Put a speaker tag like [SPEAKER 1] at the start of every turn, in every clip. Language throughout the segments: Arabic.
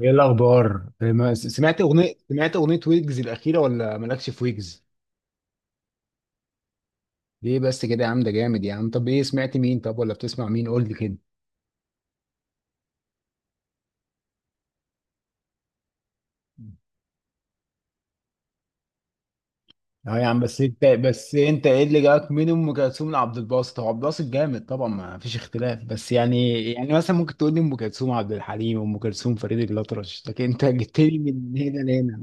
[SPEAKER 1] ايه الاخبار؟ إيه ما- سمعت اغنيه ويجز الاخيره، ولا مالكش في ويجز؟ ليه بس كده يا عم؟ ده جامد يا عم. طب ايه، سمعت مين؟ طب ولا بتسمع مين؟ قول لي كده. اه يا عم، بس انت ايه اللي جاك من ام كلثوم لعبد الباسط؟ هو عبد الباسط جامد طبعا، ما فيش اختلاف، بس يعني مثلا ممكن تقول لي ام كلثوم عبد الحليم، ام كلثوم فريد الاطرش، لكن انت جبت لي من هنا لهنا.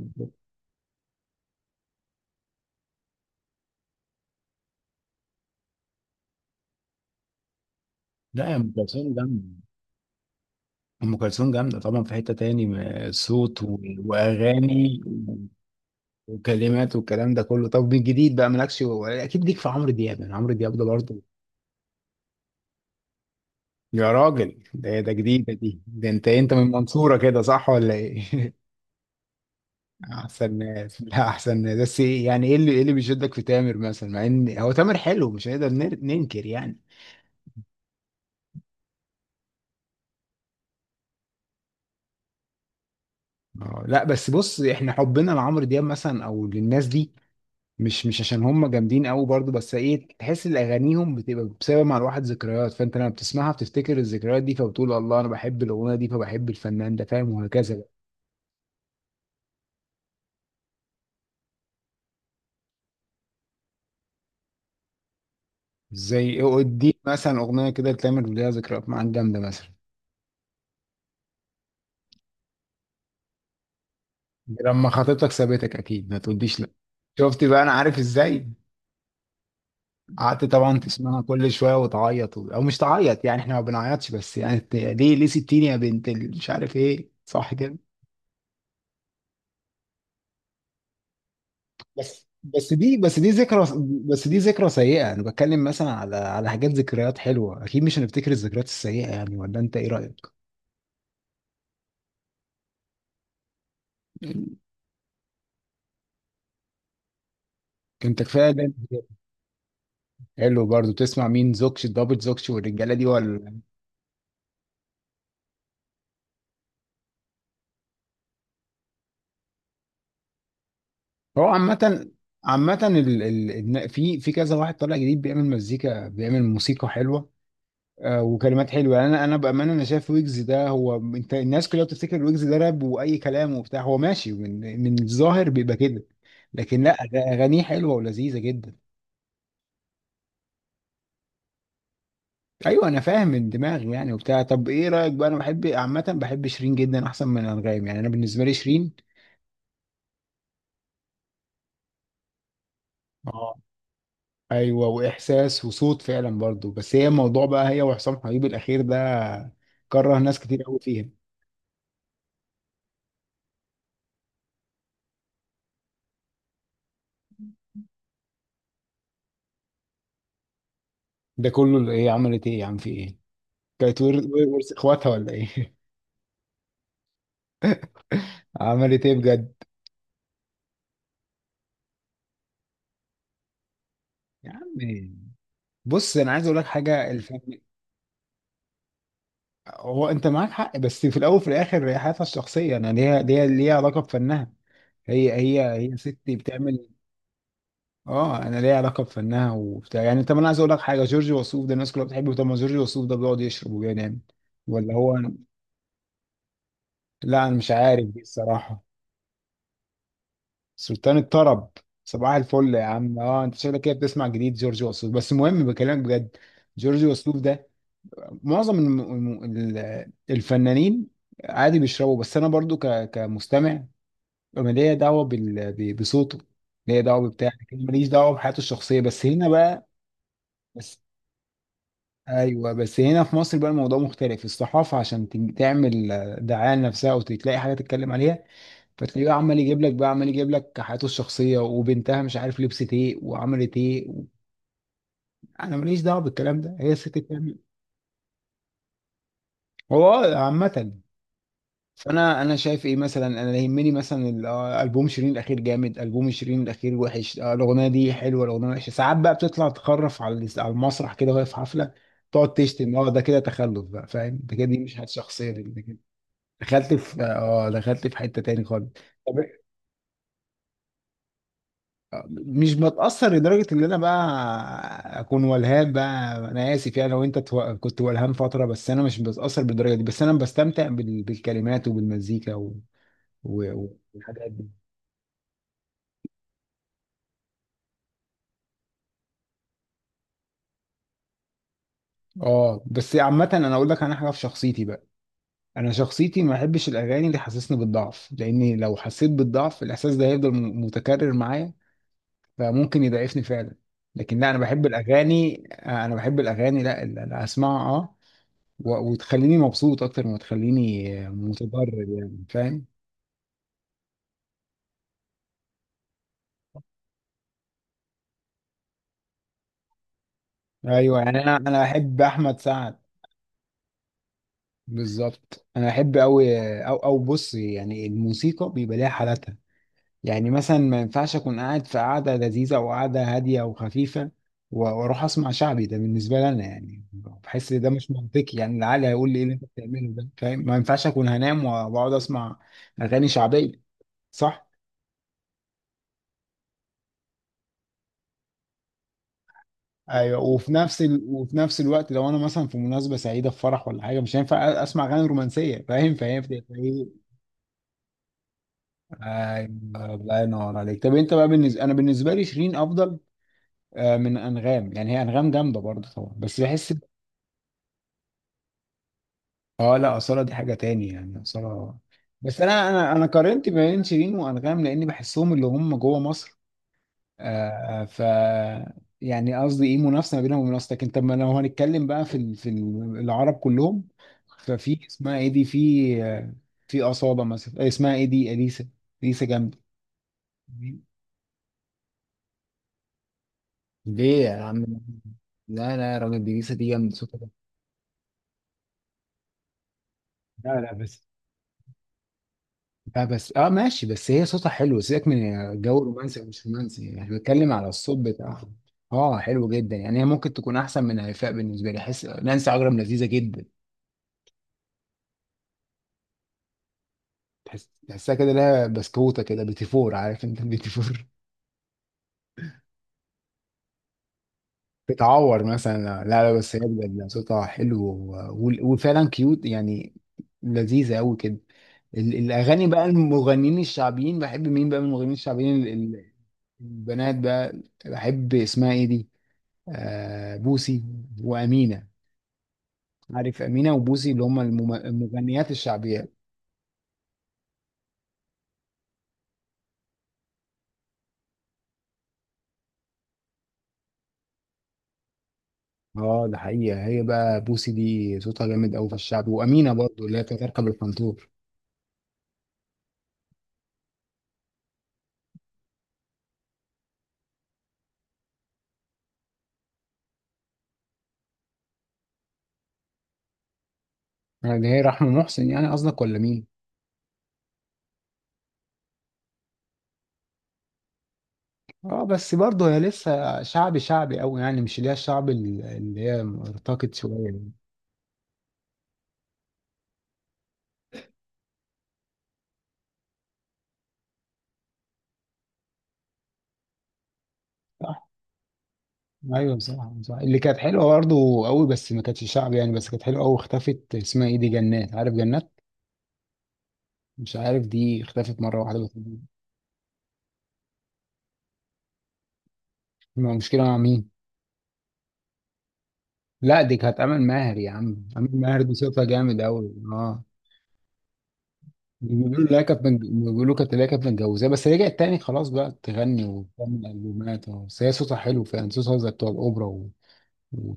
[SPEAKER 1] لا يا، ام كلثوم جامده. طبعا، في حته تاني، صوت واغاني وكلمات والكلام ده كله. طب من جديد بقى، مالكش اكيد ليك في عمرو دياب؟ يعني عمرو دياب ده برضه. يا راجل، ده جديدة دي. ده انت من المنصورة كده، صح ولا ايه؟ احسن ناس. لا، احسن ناس. بس ايه يعني، ايه اللي بيشدك في تامر مثلا؟ مع ان هو تامر حلو، مش هنقدر ننكر يعني. لا بس، بص، احنا حبنا لعمرو دياب مثلا او للناس دي، مش عشان هم جامدين قوي برضو، بس ايه، تحس ان اغانيهم بتبقى بسبب مع الواحد ذكريات. فانت لما بتسمعها بتفتكر الذكريات دي، فبتقول الله انا بحب الاغنيه دي، فبحب الفنان ده، فاهم؟ وهكذا بقى. زي اديك مثلا اغنيه كده تتعمل ليها ذكريات معاك جامده، مثلا لما خطيبتك سابتك، اكيد ما تقوليش لا. شفت بقى، انا عارف ازاي. قعدت طبعا تسمعها كل شويه وتعيط، او مش تعيط يعني، احنا ما بنعيطش، بس يعني ليه سبتيني يا بنت مش عارف ايه، صح كده؟ بس بس دي بس دي ذكرى بس دي ذكرى سيئة. انا بتكلم مثلا على حاجات ذكريات حلوة، اكيد مش هنفتكر الذكريات السيئة يعني، ولا انت ايه رأيك؟ انت كفاية ده. حلو، برضو تسمع مين، زوكش دبل زوكش والرجالة دي، ولا؟ هو عامة في كذا واحد طالع جديد بيعمل مزيكا، بيعمل موسيقى حلوة. وكلمات حلوه يعني، انا بامانه، انا شايف ويجز ده، هو انت الناس كلها بتفتكر ويجز ده راب واي كلام وبتاع، هو ماشي، من الظاهر بيبقى كده. لكن لا، اغانيه حلوه ولذيذه جدا. ايوه، انا فاهم، من دماغي يعني وبتاع. طب ايه رايك بقى؟ انا بحب عامه، بحب شيرين جدا احسن من انغام، يعني انا بالنسبه لي شيرين. اه، ايوه، واحساس وصوت فعلا برضو. بس هي الموضوع بقى هي وحسام حبيب الاخير ده كره ناس كتير قوي فيها. ده كله اللي هي عملت ايه يا عم، في ايه؟ كانت ورث اخواتها ولا ايه؟ عملت ايه بجد؟ يا عم بص، انا عايز اقول لك حاجه. الفن، هو انت معاك حق، بس في الاول وفي الاخر هي حياتها الشخصيه، انا ليها علاقه بفنها. هي ستي بتعمل. اه، انا ليها علاقه بفنها وبتاع يعني. انت ما انا عايز اقول لك حاجه، جورج وسوف ده الناس كلها بتحبه، طب ما جورج وسوف ده بيقعد يشرب وبينام، ولا هو؟ لا انا مش عارف دي الصراحه. سلطان الطرب، صباح الفل يا عم. اه انت شكلك كده بتسمع جديد جورج وسوف. بس المهم بكلمك بجد. جورج وسوف ده، معظم الفنانين عادي بيشربوا، بس انا برضو كمستمع. انا ليا دعوه بصوته، ليا دعوه ببتاع، لكن ماليش دعوه بحياته الشخصيه، بس هنا بقى. بس ايوه، بس هنا في مصر بقى الموضوع مختلف. الصحافه عشان تعمل دعايه لنفسها او تلاقي حاجه تتكلم عليها، فتلاقيه عمال يجيب لك حياته الشخصيه وبنتها، مش عارف لبست ايه وعملت ايه. انا ماليش دعوه بالكلام ده، هي الست بتعمل. هو عامه. فانا شايف ايه مثلا، انا يهمني مثلا البوم شيرين الاخير جامد، البوم شيرين الاخير وحش، الاغنيه دي حلوه، الاغنيه وحشه. ساعات بقى بتطلع تخرف على على المسرح كده وهي في حفله، تقعد تشتم. اه ده كده تخلف بقى، فاهم؟ ده كده، دي مش حاجه شخصيه دي، ده كده دخلت في حته تاني خالص. طب مش بتاثر لدرجه ان انا بقى اكون ولهان بقى، انا اسف يعني لو انت كنت ولهان فتره. بس انا مش بتاثر بالدرجه دي، بس انا بستمتع بالكلمات وبالمزيكا والحاجات دي. اه، بس عامة انا اقول لك، انا حاجة في شخصيتي بقى. انا شخصيتي ما بحبش الاغاني اللي حسسني بالضعف، لاني لو حسيت بالضعف، الاحساس ده هيفضل متكرر معايا، فممكن يضعفني فعلا. لكن لا، انا بحب الاغاني، لا اللي اسمعها، وتخليني مبسوط اكتر ما تخليني متضرر يعني، فاهم؟ ايوه يعني، انا احب احمد سعد. بالظبط، انا احب قوي. او بص يعني، الموسيقى بيبقى ليها حالاتها. يعني مثلا، ما ينفعش اكون قاعد في قعده لذيذه او قعده هاديه وخفيفه، واروح اسمع شعبي. ده بالنسبه لي انا يعني بحس إن ده مش منطقي يعني، العقل هيقول لي ايه اللي انت بتعمله ده، فاهم؟ ما ينفعش اكون هنام واقعد اسمع اغاني شعبيه. صح، ايوه. وفي نفس الوقت لو انا مثلا في مناسبه سعيده، في فرح ولا حاجه، مش هينفع اسمع اغاني رومانسيه، فاهم؟ فاهم ايه؟ ايوه. الله ينور عليك. طب انت بقى، انا بالنسبه لي شيرين افضل من انغام يعني، هي انغام جامده برضه طبعا بس بحس. اه، لا أصالة دي حاجة تاني يعني، أصالة. بس أنا قارنت بين شيرين وأنغام، لأني بحسهم اللي هم جوه مصر. آه ف يعني قصدي إيه، منافسة ما بينهم ومنافسة، لكن طب ما لو هنتكلم بقى في العرب كلهم. ففي اسمها إيه دي، في أصالة مثلا، اسمها إيه دي، أليسا. أليسا جامدة. ليه يا عم؟ لا لا يا راجل، دي لسه، دي جامدة، صوتها جامد. لا لا، بس لا بس اه ماشي، بس هي صوتها حلو، سيبك من جو رومانسي او مش رومانسي، احنا بنتكلم على الصوت بتاعها. اه، حلو جدا يعني. هي ممكن تكون احسن من هيفاء. بالنسبه لي احس نانسي عجرم لذيذه جدا. تحسها كده لها بسكوته كده، بيتي فور، عارف انت؟ البيتي فور، بتعور مثلا. لا لا، بس هي بجد صوتها حلو وفعلا كيوت يعني، لذيذه قوي كده. الاغاني بقى، المغنيين الشعبيين، بحب مين بقى من المغنيين الشعبيين، البنات بقى، بحب اسمها ايه دي، بوسي وأمينة، عارف أمينة وبوسي، اللي هم المغنيات الشعبيات. اه، ده حقيقة. هي بقى بوسي دي صوتها جامد أوي في الشعب، وأمينة برضو اللي هي كانت تركب الفانتور. يعني هي رحمة محسن يعني قصدك، ولا مين؟ اه، بس برضه هي لسه شعبي شعبي أوي يعني، مش اللي هي الشعب اللي هي ارتقت شوية يعني. صح، ايوه، صح صح. اللي كانت حلوه برضه قوي بس ما كانتش شعبي يعني، بس كانت حلوه قوي، اختفت، اسمها ايه دي، جنات، عارف جنات؟ مش عارف، دي اختفت مره واحده بس. ما مشكله مع مين؟ لا، دي كانت امل ماهر، يا عم امل ماهر دي صوتها جامد قوي، اه. بيقولوا لا كانت من- بيقولوا كانت، لا كانت متجوزاه بس رجعت تاني، خلاص بقى تغني وتعمل البومات، آه. بس هي صوتها حلو فعلا، صوتها زي بتوع الاوبرا و... و...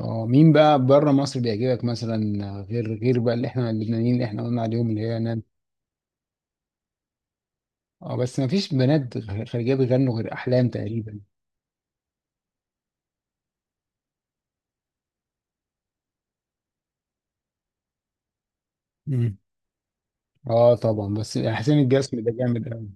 [SPEAKER 1] اه مين بقى بره مصر بيعجبك مثلا؟ غير بقى اللي احنا اللبنانيين اللي احنا قلنا عليهم، اللي هي نان. اه، بس ما فيش بنات خارجيه بيغنوا غير احلام تقريبا. مم. اه طبعا، بس حسين الجسمي ده جامد قوي.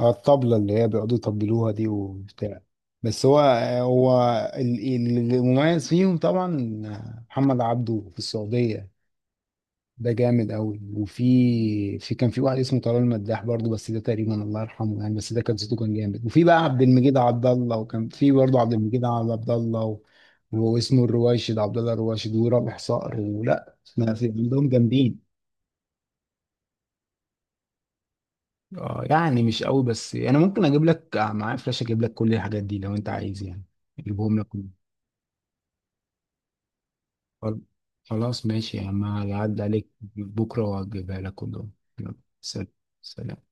[SPEAKER 1] الطبلة اللي هي بيقعدوا يطبلوها دي وبتاع. بس هو المميز فيهم طبعا محمد عبده في السعودية، ده جامد قوي. وفي، كان في واحد اسمه طلال مداح برضه، بس ده تقريبا الله يرحمه يعني، بس ده كان صوته كان جامد. وفي بقى عبد المجيد عبد الله، وكان في برضه عبد المجيد عبد الله واسمه الرواشد، عبد الله الرواشد، ورابح صقر، ولا ما في عندهم جامدين. اه يعني مش قوي، بس انا ممكن اجيب لك معايا فلاش، اجيب لك كل الحاجات دي لو انت عايز يعني، اجيبهم لك كلهم. خل- خلاص ماشي يا عم، هعدي عليك بكره واجيبها لك كلهم. يلا سلام، سلام.